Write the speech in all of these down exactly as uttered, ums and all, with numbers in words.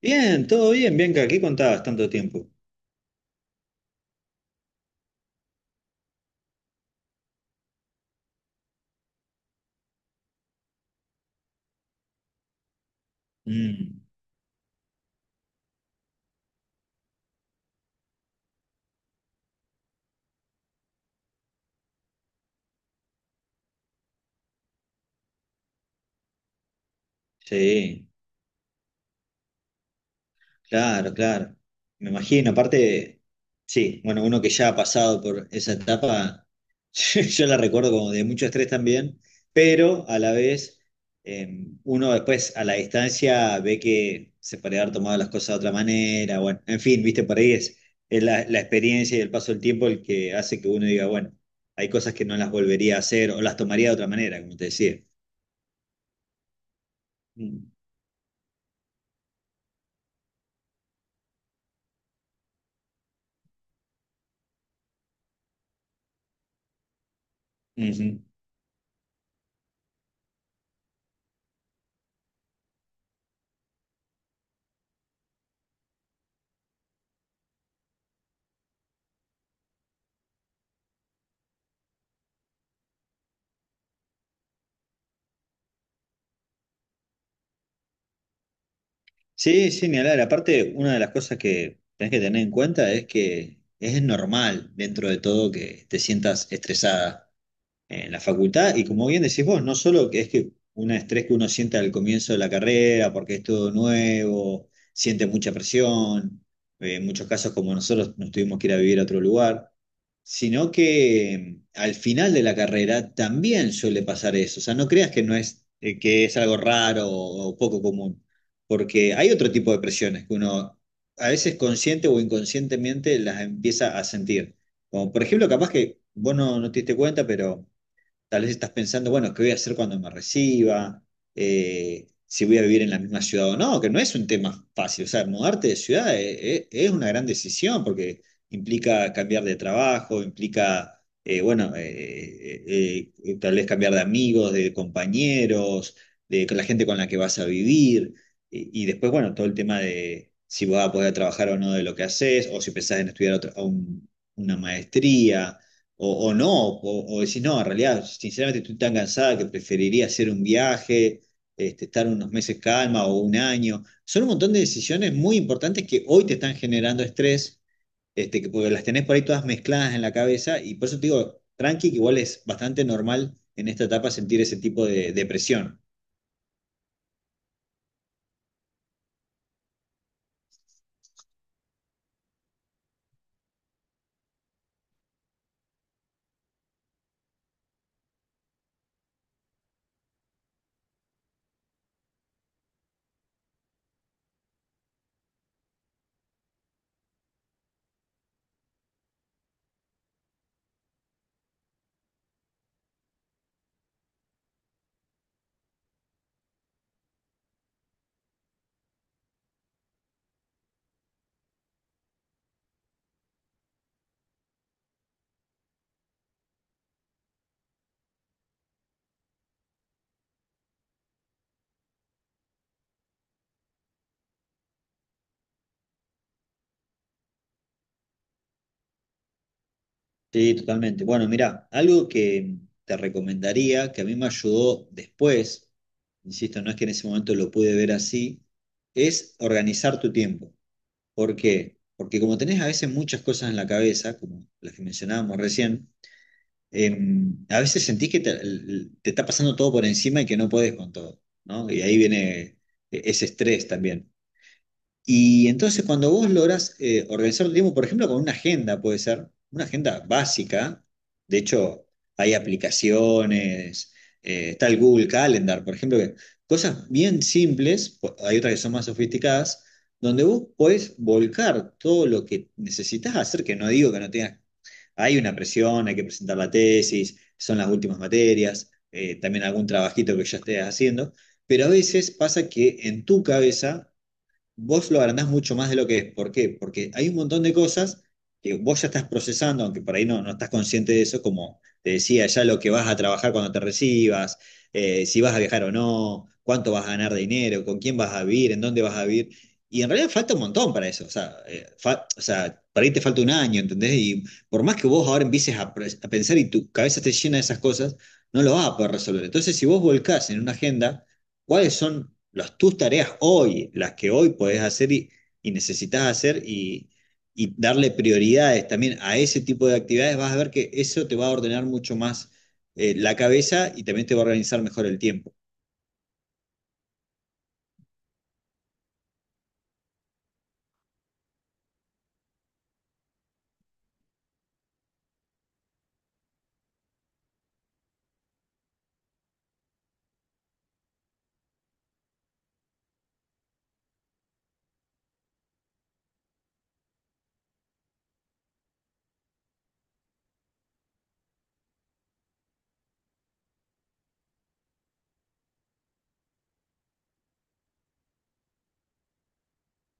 Bien, todo bien, Bianca, ¿qué contabas tanto tiempo? Mm, sí, claro, claro. Me imagino, aparte, sí, bueno, uno que ya ha pasado por esa etapa, yo yo la recuerdo como de mucho estrés también, pero a la vez eh, uno después a la distancia ve que se puede haber tomado las cosas de otra manera, bueno, en fin, viste, por ahí es, es la, la experiencia y el paso del tiempo el que hace que uno diga, bueno, hay cosas que no las volvería a hacer o las tomaría de otra manera, como te decía. Mm. Ujú. Sí, sí, ni hablar. Aparte, una de las cosas que tenés que tener en cuenta es que es normal dentro de todo que te sientas estresada en la facultad. Y como bien decís vos, no solo que es que un estrés que uno siente al comienzo de la carrera, porque es todo nuevo, siente mucha presión, eh, en muchos casos como nosotros nos tuvimos que ir a vivir a otro lugar, sino que mm, al final de la carrera también suele pasar eso. O sea, no creas que no es, eh, que es algo raro o poco común, porque hay otro tipo de presiones que uno a veces consciente o inconscientemente las empieza a sentir. Como por ejemplo, capaz que vos no, no te diste cuenta, pero tal vez estás pensando, bueno, ¿qué voy a hacer cuando me reciba? Eh, si voy a vivir en la misma ciudad o no, que no es un tema fácil. O sea, mudarte de ciudad eh, eh, es una gran decisión porque implica cambiar de trabajo, implica, eh, bueno, eh, eh, eh, eh, tal vez cambiar de amigos, de compañeros, de con la gente con la que vas a vivir. Y, y después, bueno, todo el tema de si vas a poder trabajar o no de lo que haces, o si pensás en estudiar otra- un- una maestría o, o no, o, o decís, no, en realidad, sinceramente estoy tan cansada que preferiría hacer un viaje, este, estar unos meses calma o un año. Son un montón de decisiones muy importantes que hoy te están generando estrés, este, que, porque las tenés por ahí todas mezcladas en la cabeza, y por eso te digo, tranqui, que igual es bastante normal en esta etapa sentir ese tipo de depresión. Sí, totalmente. Bueno, mira, algo que te recomendaría, que a mí me ayudó después, insisto, no es que en ese momento lo pude ver así, es organizar tu tiempo. ¿Por qué? Porque como tenés a veces muchas cosas en la cabeza, como las que mencionábamos recién, em, a veces sentís que te, el- te está pasando todo por encima y que no podés con todo, ¿no? Y ahí viene e-, ese estrés también. Y entonces cuando vos logras eh, organizar tu tiempo, por ejemplo, con una agenda, puede ser una agenda básica, de hecho hay aplicaciones, eh, está el Google Calendar, por ejemplo, que cosas bien simples, po- hay otras que son más sofisticadas, donde vos podés volcar todo lo que necesitas hacer, que no digo que no tengas, hay una presión, hay que presentar la tesis, son las últimas materias, eh, también algún trabajito que ya estés haciendo, pero a veces pasa que en tu cabeza vos lo agrandás mucho más de lo que es. ¿Por qué? Porque hay un montón de cosas que vos ya estás procesando, aunque por ahí no, no estás consciente de eso, como te decía, ya lo que vas a trabajar cuando te recibas, eh, si vas a viajar o no, cuánto vas a ganar de dinero, con quién vas a vivir, en dónde vas a vivir. Y en realidad falta un montón para eso. O sea, eh, fa- o sea, para ahí te falta un año, ¿entendés? Y por más que vos ahora empieces a, pre- a pensar y tu cabeza esté llena de esas cosas, no lo vas a poder resolver. Entonces, si vos volcás en una agenda ¿cuáles son las, tus tareas hoy, las que hoy podés hacer y, y necesitas hacer y, y darle prioridades también a ese tipo de actividades? Vas a ver que eso te va a ordenar mucho más eh, la cabeza y también te va a organizar mejor el tiempo.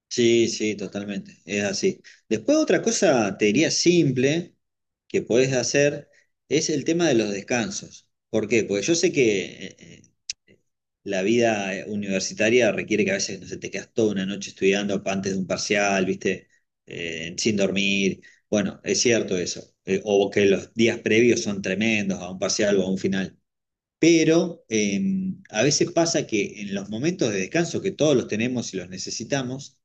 Sí, sí, totalmente, es así. Después otra cosa, te diría simple, que podés hacer, es el tema de los descansos. ¿Por qué? Porque yo sé que eh, eh, la vida eh, universitaria requiere que a veces, no sé, te quedas toda una noche estudiando antes de un parcial, ¿viste? Eh, sin dormir. Bueno, es cierto eso. Eh, o que los días previos son tremendos a un parcial o a un final. Pero eh, a veces pasa que en los momentos de descanso, que todos los tenemos y los necesitamos,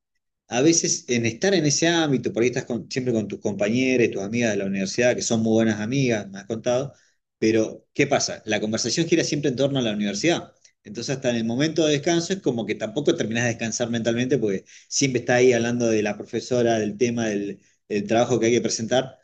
a veces en estar en ese ámbito, por ahí estás con- siempre con tus compañeras, tus amigas de la universidad, que son muy buenas amigas, me has contado, pero ¿qué pasa? La conversación gira siempre en torno a la universidad. Entonces hasta en el momento de descanso es como que tampoco terminás de descansar mentalmente porque siempre está ahí hablando de la profesora, del tema, del, del trabajo que hay que presentar.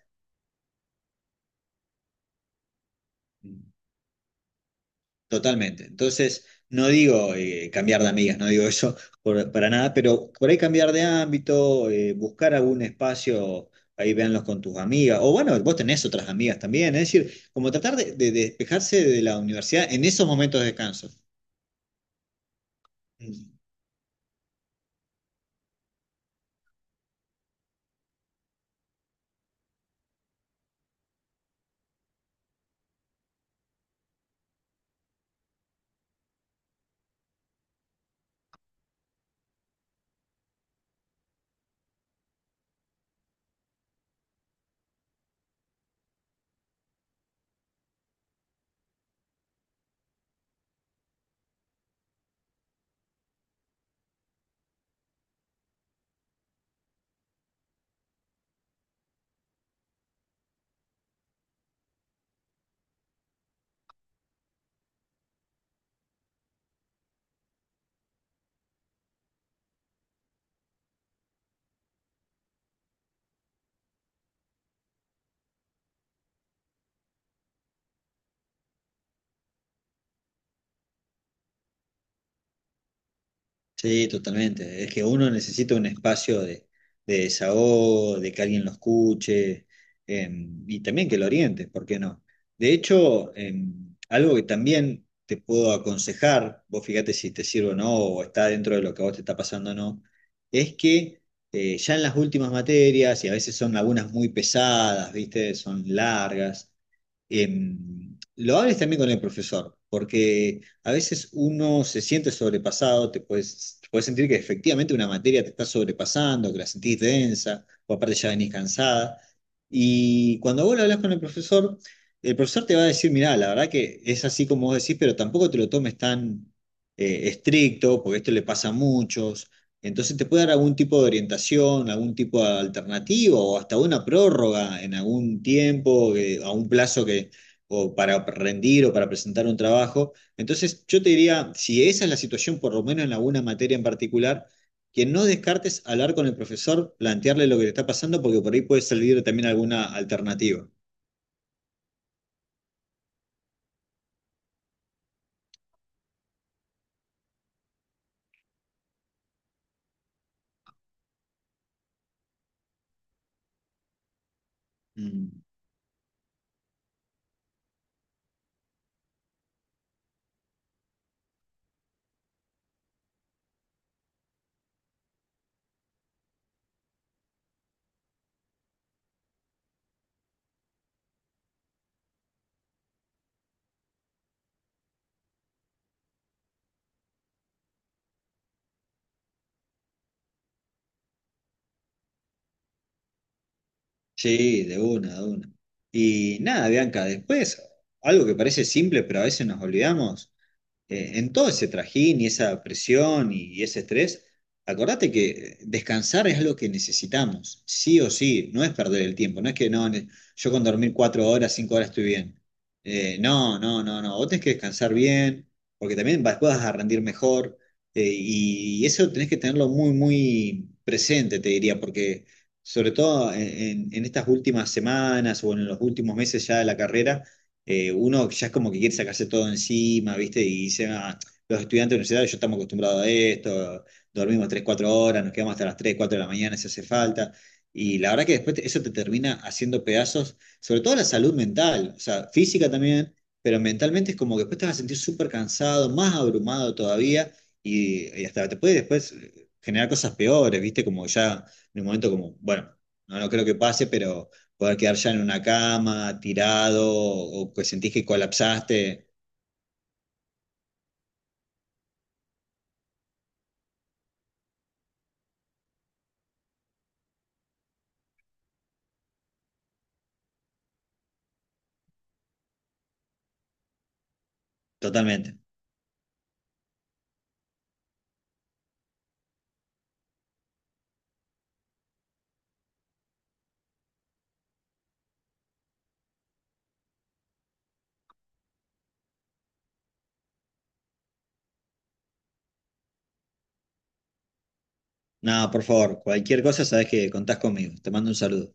Totalmente. Entonces, no digo eh, cambiar de amigas, no digo eso por- para nada, pero por ahí cambiar de ámbito, eh, buscar algún espacio, ahí véanlos con tus amigas, o bueno, vos tenés otras amigas también, es decir, como tratar de, de despejarse de la universidad en esos momentos de descanso. Sí, totalmente. Es que uno necesita un espacio de, de desahogo, de que alguien lo escuche em, y también que lo oriente, ¿por qué no? De hecho, em, algo que también te puedo aconsejar, vos fíjate si te sirve o no, o está dentro de lo que a vos te está pasando o no, es que eh, ya en las últimas materias, y a veces son algunas muy pesadas, ¿viste? Son largas, em, lo hables también con el profesor, porque a veces uno se siente sobrepasado, te puedes, te puedes sentir que efectivamente una materia te está sobrepasando, que la sentís densa, o aparte ya venís cansada. Y cuando vos lo hablas con el profesor, el profesor te va a decir, mirá, la verdad que es así como vos decís, pero tampoco te lo tomes tan eh, estricto, porque esto le pasa a muchos, entonces te puede dar algún tipo de orientación, algún tipo de alternativa o hasta una prórroga en algún tiempo, eh, a un plazo que, o para rendir o para presentar un trabajo. Entonces yo te diría, si esa es la situación, por lo menos en alguna materia en particular, que no descartes hablar con el profesor, plantearle lo que te está pasando, porque por ahí puede salir también alguna alternativa. Mm. Sí, de una, de una. Y nada, Bianca, después, algo que parece simple, pero a veces nos olvidamos, eh, en todo ese trajín y esa presión y y ese estrés, acordate que descansar es lo que necesitamos, sí o sí, no es perder el tiempo, no es que no, ne- yo con dormir cuatro horas, cinco horas estoy bien. Eh, no, no, no, no, vos tenés que descansar bien, porque también vas, vas a rendir mejor, eh, y y eso tenés que tenerlo muy, muy presente, te diría, porque... Sobre todo en en- en estas últimas semanas o en los últimos meses ya de la carrera, eh, uno ya es como que quiere sacarse todo encima, ¿viste? Y dice, "Ah, los estudiantes universitarios yo estamos acostumbrados a esto, dormimos tres cuatro horas, nos quedamos hasta las tres cuatro de la mañana si hace falta". Y la verdad que después te- eso te termina haciendo pedazos, sobre todo la salud mental, o sea, física también, pero mentalmente es como que después te vas a sentir súper cansado, más abrumado todavía, y, y hasta te puede después eh, generar cosas peores, ¿viste? Como ya en un momento como, bueno, no, no creo que pase, pero poder quedar ya en una cama, tirado, o que sentís que colapsaste, totalmente. Nada, por favor, cualquier cosa sabés que contás conmigo. Te mando un saludo.